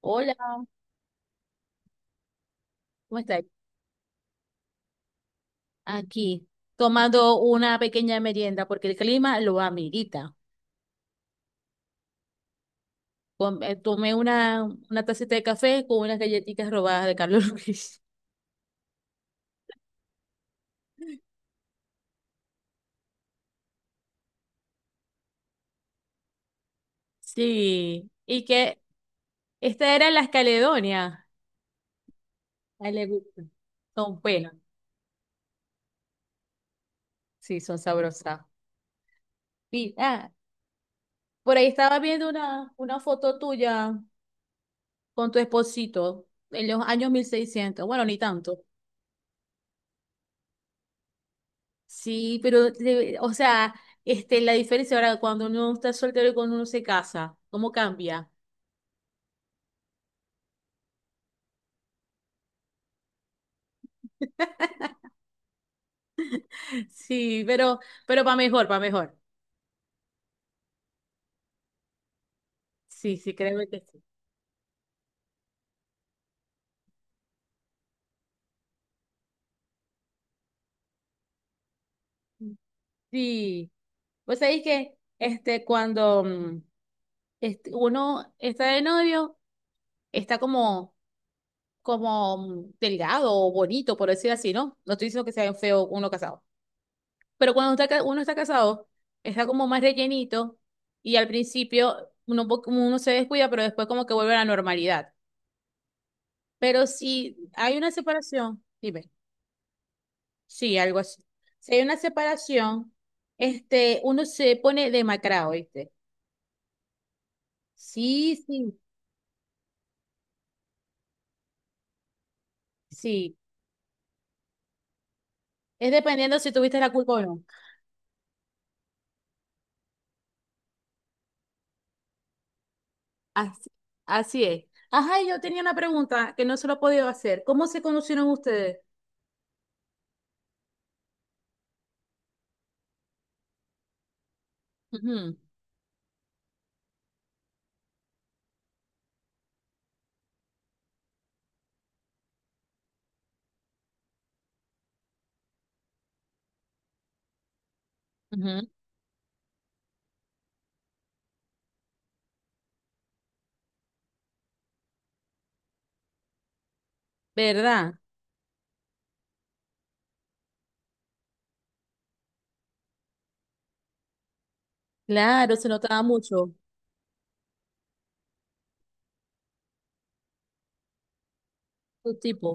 Hola, ¿cómo estáis? Aquí, tomando una pequeña merienda porque el clima lo amerita. Tomé una tacita de café con unas galletitas robadas de Carlos Luis. Sí, y que esta era las Caledonia. A él le gusta. Son buenas, sí, son sabrosas. Y, ah, por ahí estaba viendo una foto tuya con tu esposito en los años 1600. Bueno, ni tanto. Sí, o sea, la diferencia ahora cuando uno está soltero y cuando uno se casa, ¿cómo cambia? Sí, pero para mejor, para mejor. Sí, sí, créeme que sí. Sí, pues sabéis que cuando uno está de novio, está como delgado o bonito, por decir así, ¿no? No estoy diciendo que sea feo uno casado. Pero cuando está uno está casado, está como más rellenito y al principio uno, como uno se descuida, pero después como que vuelve a la normalidad. Pero si hay una separación, dime, sí, algo así. Si hay una separación, uno se pone demacrado, ¿viste? Sí, sí, sí. Es dependiendo si tuviste la culpa o no. Así, así es. Ajá, y yo tenía una pregunta que no se lo he podido hacer. ¿Cómo se conocieron ustedes? Ujú, ujú. ¿Verdad? Claro, se notaba mucho. Tu tipo.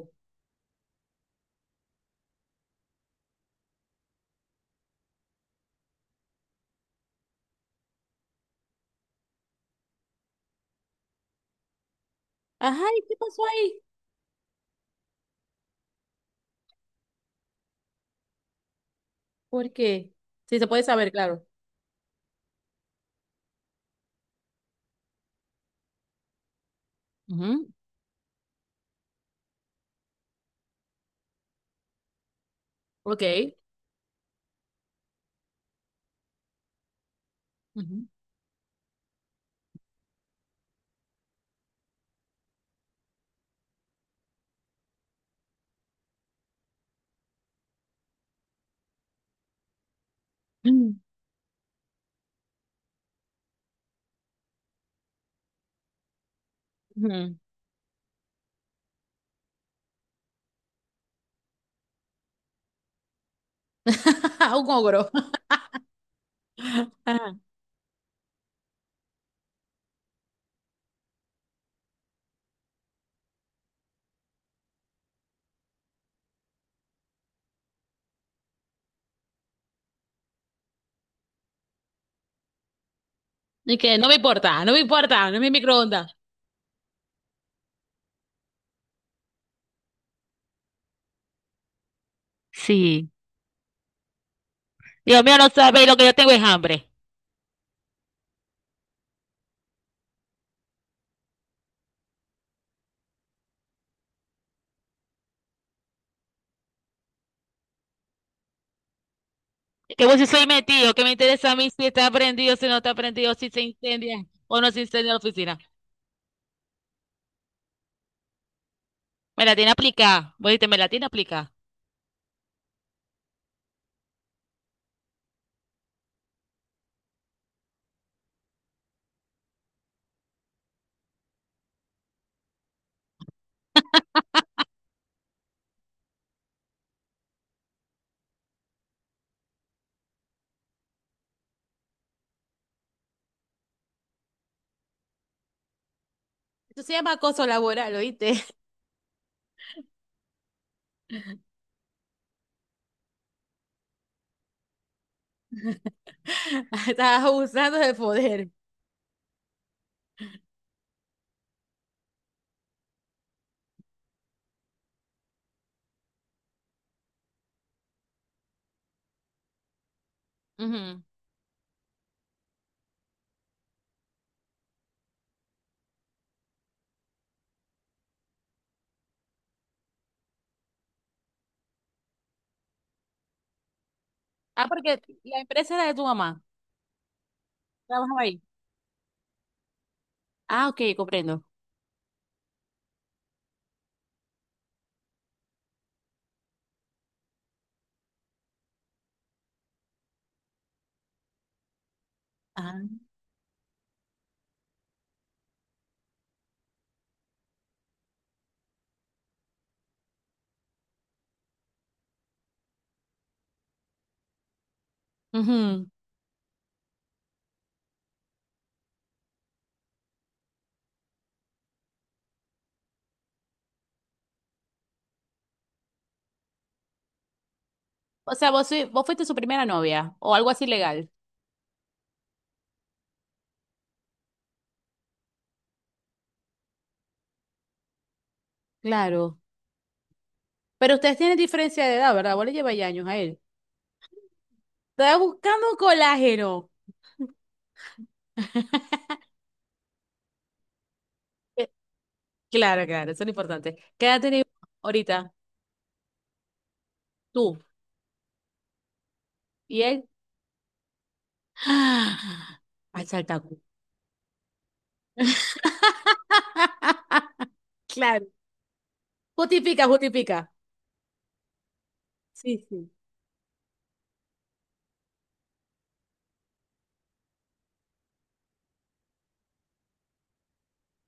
Ajá, ¿y qué pasó ahí? ¿Por qué? Sí, se puede saber, claro. Ujú, ok. Ujú. Ujú. Un ogro. Ajá. Y que no me importa, no me importa, no es mi microondas. Sí. Dios mío, no sabéis lo que yo tengo es hambre. Que vos si soy metido, que me interesa a mí si está prendido, si no está prendido, si se incendia o no se incendia la oficina. Me la tiene aplicada. Vos dijiste, me la tiene aplicada. Eso se llama acoso laboral, ¿oíste? Estás abusando de poder. Ujú. Ah, porque la empresa era de tu mamá. Trabajaba ahí. Ah, ok, comprendo. Ah, ujú. O sea, vos, vos fuiste su primera novia o algo así legal. Claro. Pero ustedes tienen diferencia de edad, ¿verdad? Vos le lleváis años a él. Estaba buscando colágeno. Eh, Claro, claro, eso es lo importante. ¿Qué edad tenés ahorita? Tú y él. Ah, al saltacu. Claro. Justifica, justifica. Sí, sí.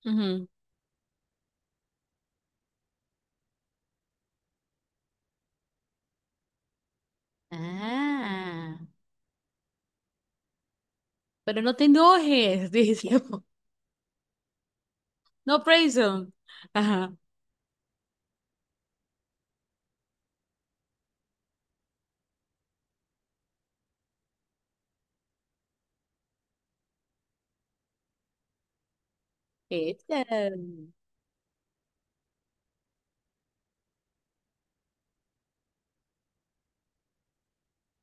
Ujú. Ah. Pero no te enojes, dice. No, Prayson. Ajá. Este,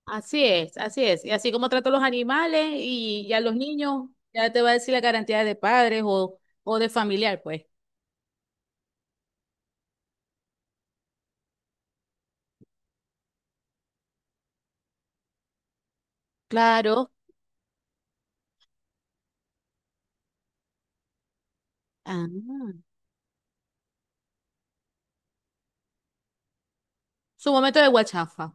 Así es, así es. Y así como trato a los animales y a los niños, ya te va a decir la garantía de padres o de familiar, pues. Claro. Ah, su momento de guachafa.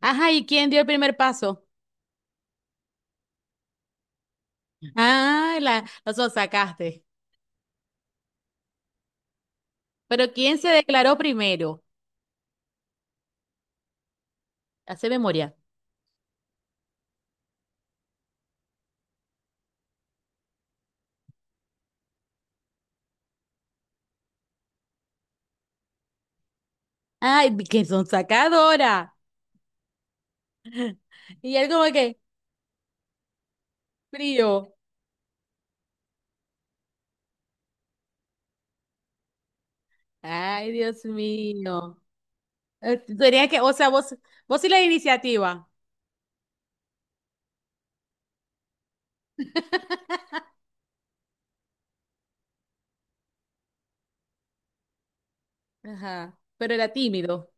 Ajá, ¿y quién dio el primer paso? Ah, la sonsacaste. Pero ¿quién se declaró primero? Hace memoria. Ay, qué sonsacadora. Y él como que, frío. Ay, Dios mío. Tenías que, o sea, vos, vos sí la iniciativa. Ajá, pero era tímido.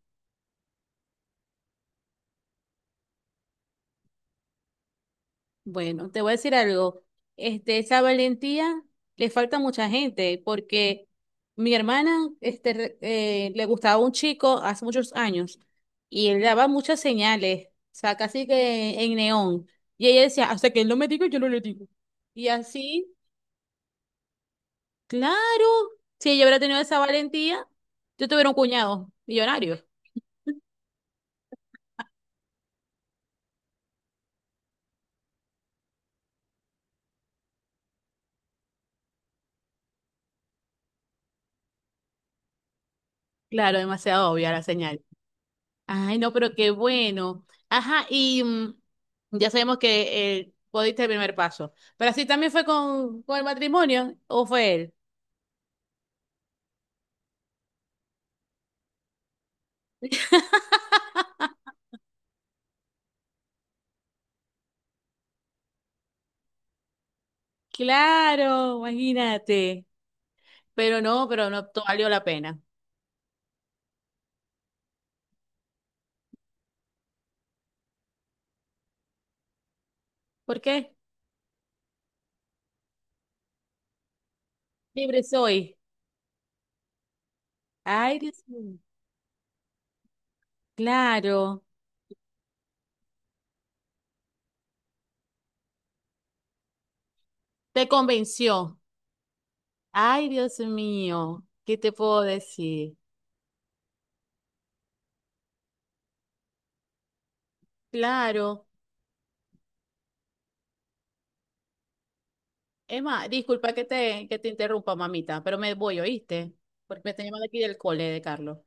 Bueno, te voy a decir algo. Esa valentía le falta a mucha gente, porque mi hermana, le gustaba un chico hace muchos años y él daba muchas señales, o sea, casi que en neón. Y ella decía, hasta que él no me diga, yo no le digo. Y así, claro, si ella hubiera tenido esa valentía, yo tuviera un cuñado millonario. Claro, demasiado obvia la señal. Ay, no, pero qué bueno. Ajá, y ya sabemos que podiste el primer paso. Pero así también fue con el matrimonio, ¿o fue él? Claro, imagínate. Pero no, valió la pena. ¿Por qué? Libre soy. Ay, Dios mío. Claro, te convenció. Ay, Dios mío, ¿qué te puedo decir? Claro. Emma, disculpa que te interrumpa, mamita, pero me voy, ¿oíste? Porque me están llamando aquí del cole de Carlos.